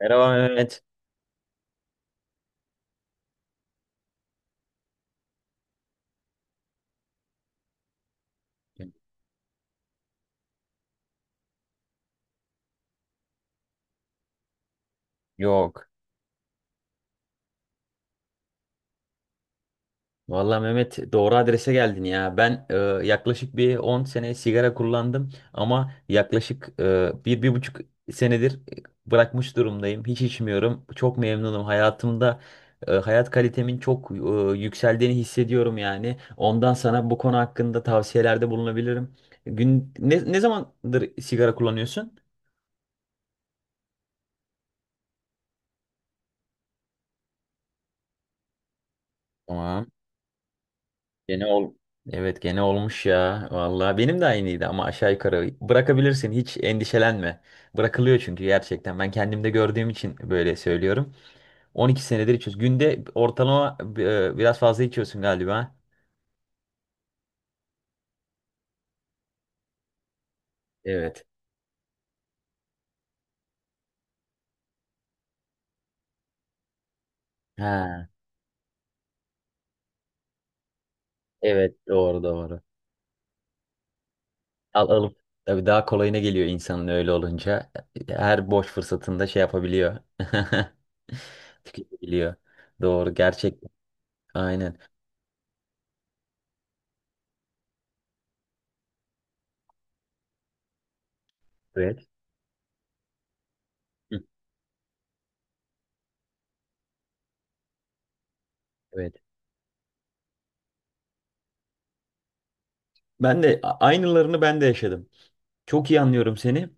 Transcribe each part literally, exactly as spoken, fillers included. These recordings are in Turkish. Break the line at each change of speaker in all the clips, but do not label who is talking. Merhaba Mehmet. Yok. Vallahi Mehmet doğru adrese geldin ya. Ben e, yaklaşık bir on sene sigara kullandım ama yaklaşık e, bir, bir buçuk senedir e, bırakmış durumdayım. Hiç içmiyorum. Çok memnunum. Hayatımda e, hayat kalitemin çok e, yükseldiğini hissediyorum yani. Ondan sana bu konu hakkında tavsiyelerde bulunabilirim. Gün ne, ne zamandır sigara kullanıyorsun? Tamam. Gene ol. Evet gene olmuş ya. Vallahi benim de aynıydı ama aşağı yukarı bırakabilirsin, hiç endişelenme. Bırakılıyor çünkü gerçekten. Ben kendimde gördüğüm için böyle söylüyorum. on iki senedir içiyoruz. Günde ortalama e, biraz fazla içiyorsun galiba. Evet. Ha, evet, doğru doğru. Al alıp tabii daha kolayına geliyor insanın öyle olunca. Her boş fırsatında şey yapabiliyor. Tüketebiliyor. Doğru gerçekten. Aynen. Evet. Hı. Evet. Ben de a- aynılarını ben de yaşadım. Çok iyi anlıyorum seni.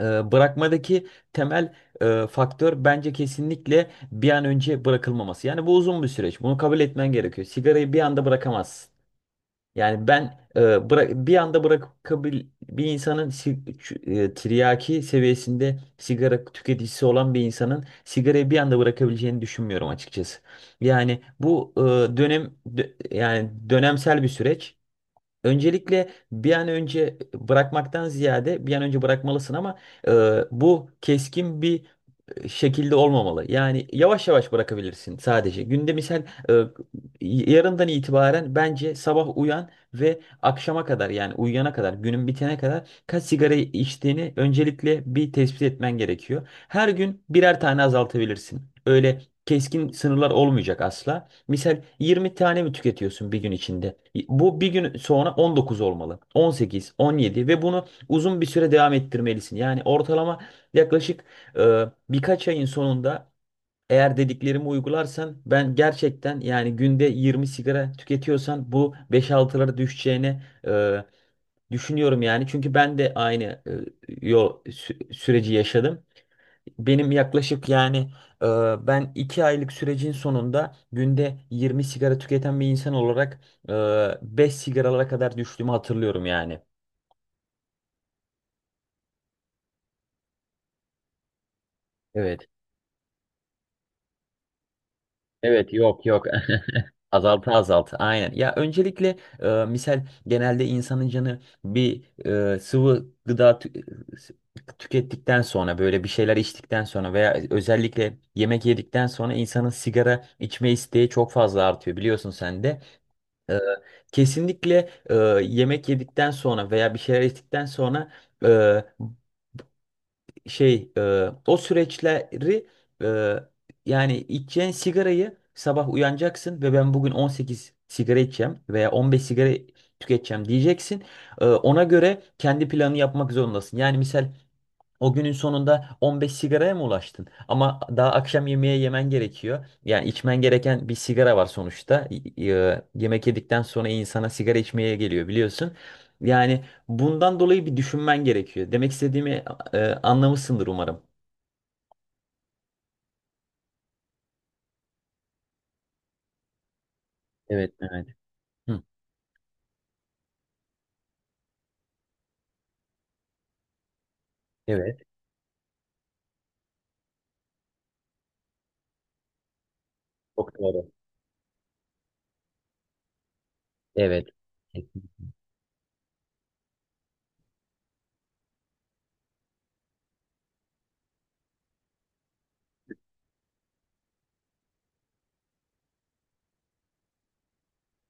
Ee, bırakmadaki temel e, faktör bence kesinlikle bir an önce bırakılmaması. Yani bu uzun bir süreç. Bunu kabul etmen gerekiyor. Sigarayı bir anda bırakamazsın. Yani ben e, bırak bir anda bırakabil bir insanın, si- ç- e, tiryaki seviyesinde sigara tüketicisi olan bir insanın sigarayı bir anda bırakabileceğini düşünmüyorum açıkçası. Yani bu e, dönem dö- yani dönemsel bir süreç. Öncelikle bir an önce bırakmaktan ziyade bir an önce bırakmalısın ama e, bu keskin bir şekilde olmamalı. Yani yavaş yavaş bırakabilirsin sadece. Günde misal e, yarından itibaren bence sabah uyan ve akşama kadar, yani uyuyana kadar, günün bitene kadar kaç sigara içtiğini öncelikle bir tespit etmen gerekiyor. Her gün birer tane azaltabilirsin. Öyle keskin sınırlar olmayacak asla. Misal yirmi tane mi tüketiyorsun bir gün içinde? Bu bir gün sonra on dokuz olmalı. On sekiz, on yedi, ve bunu uzun bir süre devam ettirmelisin. Yani ortalama yaklaşık, ee, birkaç ayın sonunda eğer dediklerimi uygularsan, ben gerçekten yani günde yirmi sigara tüketiyorsan bu beş altılara düşeceğini e, düşünüyorum yani. Çünkü ben de aynı e, yol sü- süreci yaşadım. Benim yaklaşık yani e, ben iki aylık sürecin sonunda günde yirmi sigara tüketen bir insan olarak e, beş sigaralara kadar düştüğümü hatırlıyorum yani. Evet. Evet, yok yok. Azalta azalta, aynen. Ya öncelikle e, misal, genelde insanın canı bir e, sıvı gıda tü- tükettikten sonra, böyle bir şeyler içtikten sonra veya özellikle yemek yedikten sonra insanın sigara içme isteği çok fazla artıyor, biliyorsun sen de. E, kesinlikle e, yemek yedikten sonra veya bir şeyler içtikten sonra şey e, o süreçleri, e, yani içeceğin sigarayı, sabah uyanacaksın ve ben bugün on sekiz sigara içeceğim veya on beş sigara tüketeceğim diyeceksin. E, ona göre kendi planını yapmak zorundasın. Yani misal o günün sonunda on beş sigaraya mı ulaştın? Ama daha akşam yemeğe yemen gerekiyor. Yani içmen gereken bir sigara var sonuçta. Y- y- e, Yemek yedikten sonra insana sigara içmeye geliyor, biliyorsun. Yani bundan dolayı bir düşünmen gerekiyor. Demek istediğimi e, anlamışsındır umarım. Evet evet. Hı. Evet. Çok doğru. Evet.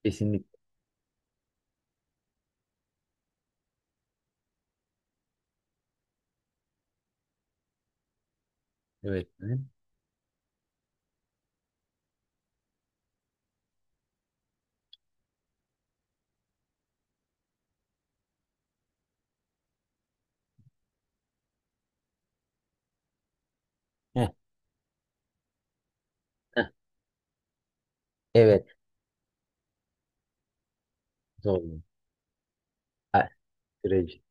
Kesinlikle. Evet, Mehmet. Heh. Heh, evet. Doğru. Ha, süreci.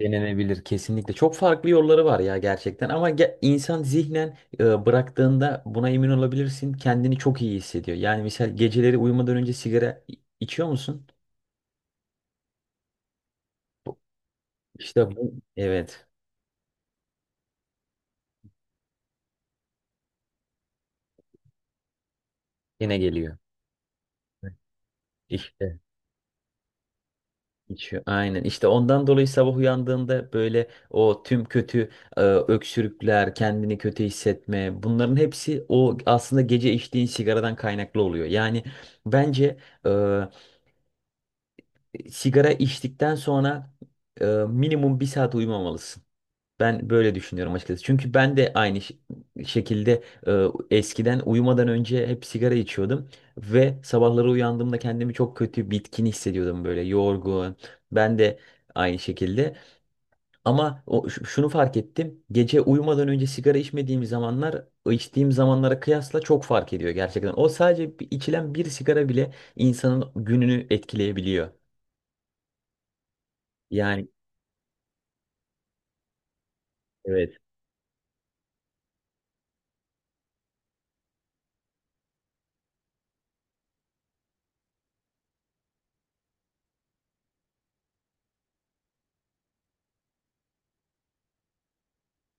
Denenebilir kesinlikle. Çok farklı yolları var ya gerçekten ama ge- insan zihnen e, bıraktığında buna emin olabilirsin. Kendini çok iyi hissediyor. Yani mesela geceleri uyumadan önce sigara i- içiyor musun? İşte bu. Evet, yine geliyor. İşte, içiyor. Aynen. İşte ondan dolayı sabah uyandığında böyle o tüm kötü e, öksürükler, kendini kötü hissetme, bunların hepsi o aslında gece içtiğin sigaradan kaynaklı oluyor. Yani bence e, sigara içtikten sonra e, minimum bir saat uyumamalısın. Ben böyle düşünüyorum açıkçası. Çünkü ben de aynı ş- şekilde e, eskiden uyumadan önce hep sigara içiyordum ve sabahları uyandığımda kendimi çok kötü, bitkin hissediyordum, böyle yorgun. Ben de aynı şekilde. Ama o, ş- şunu fark ettim. Gece uyumadan önce sigara içmediğim zamanlar, içtiğim zamanlara kıyasla çok fark ediyor gerçekten. O sadece bir- içilen bir sigara bile insanın gününü etkileyebiliyor. Yani evet.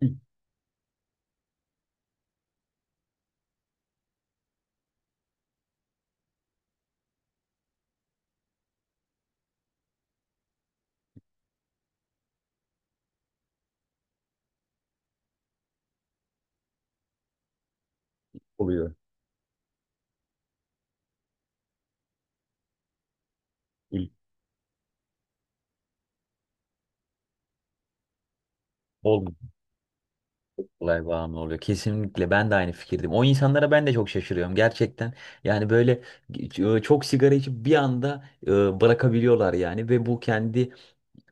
ilk oluyor. İlk bol kolay bağımlı oluyor. Kesinlikle, ben de aynı fikirdim. O insanlara ben de çok şaşırıyorum gerçekten. Yani böyle e, çok sigara içip bir anda e, bırakabiliyorlar yani, ve bu kendi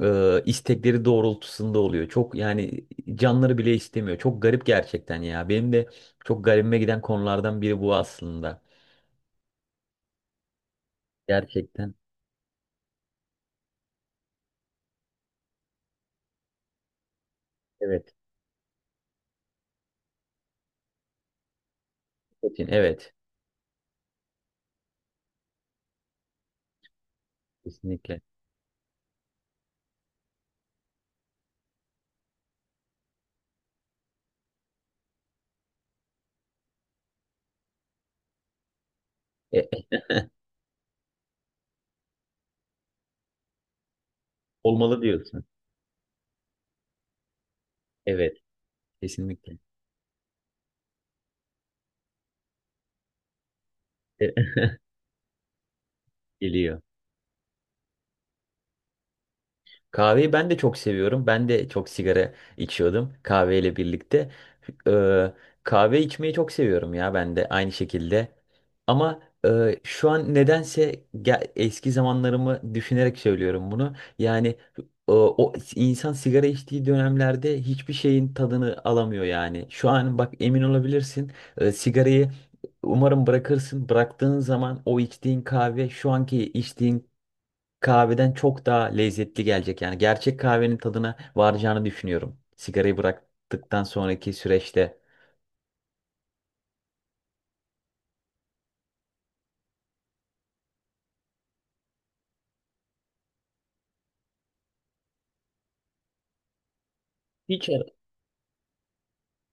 e, istekleri doğrultusunda oluyor. Çok, yani canları bile istemiyor. Çok garip gerçekten ya. Benim de çok garibime giden konulardan biri bu aslında. Gerçekten. Evet. Nikotin, evet. Kesinlikle. E, e, Olmalı diyorsun. Evet. Kesinlikle. E, geliyor. Kahveyi ben de çok seviyorum. Ben de çok sigara içiyordum kahveyle birlikte. Ee, kahve içmeyi çok seviyorum ya, ben de aynı şekilde. Ama e, şu an nedense, ge- eski zamanlarımı düşünerek söylüyorum bunu. Yani e, o insan sigara içtiği dönemlerde hiçbir şeyin tadını alamıyor yani. Şu an bak, emin olabilirsin, e, sigarayı umarım bırakırsın. Bıraktığın zaman o içtiğin kahve, şu anki içtiğin kahveden çok daha lezzetli gelecek. Yani gerçek kahvenin tadına varacağını düşünüyorum. Sigarayı bıraktıktan sonraki süreçte hiç ara-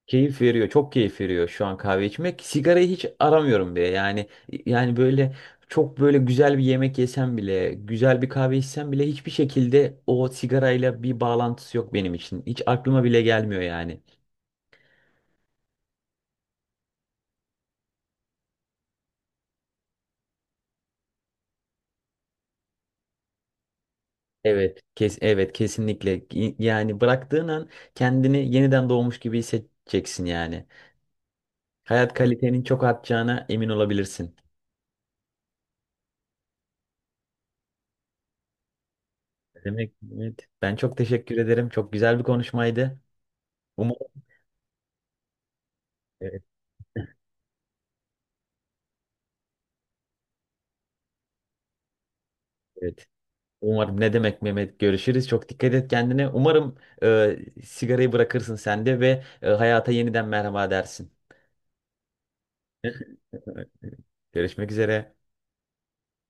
keyif veriyor. Çok keyif veriyor şu an kahve içmek. Sigarayı hiç aramıyorum bile. Yani yani böyle, çok böyle güzel bir yemek yesem bile, güzel bir kahve içsem bile, hiçbir şekilde o sigarayla bir bağlantısı yok benim için. Hiç aklıma bile gelmiyor yani. Evet, kes evet kesinlikle. Y- Yani bıraktığın an kendini yeniden doğmuş gibi hissedeceksin yani. Hayat kalitenin çok artacağına emin olabilirsin. Demek evet. Ben çok teşekkür ederim. Çok güzel bir konuşmaydı. Umarım. Evet. Evet. Umarım, ne demek Mehmet, görüşürüz. Çok dikkat et kendine. Umarım e, sigarayı bırakırsın sen de, ve e, hayata yeniden merhaba dersin. Görüşmek üzere.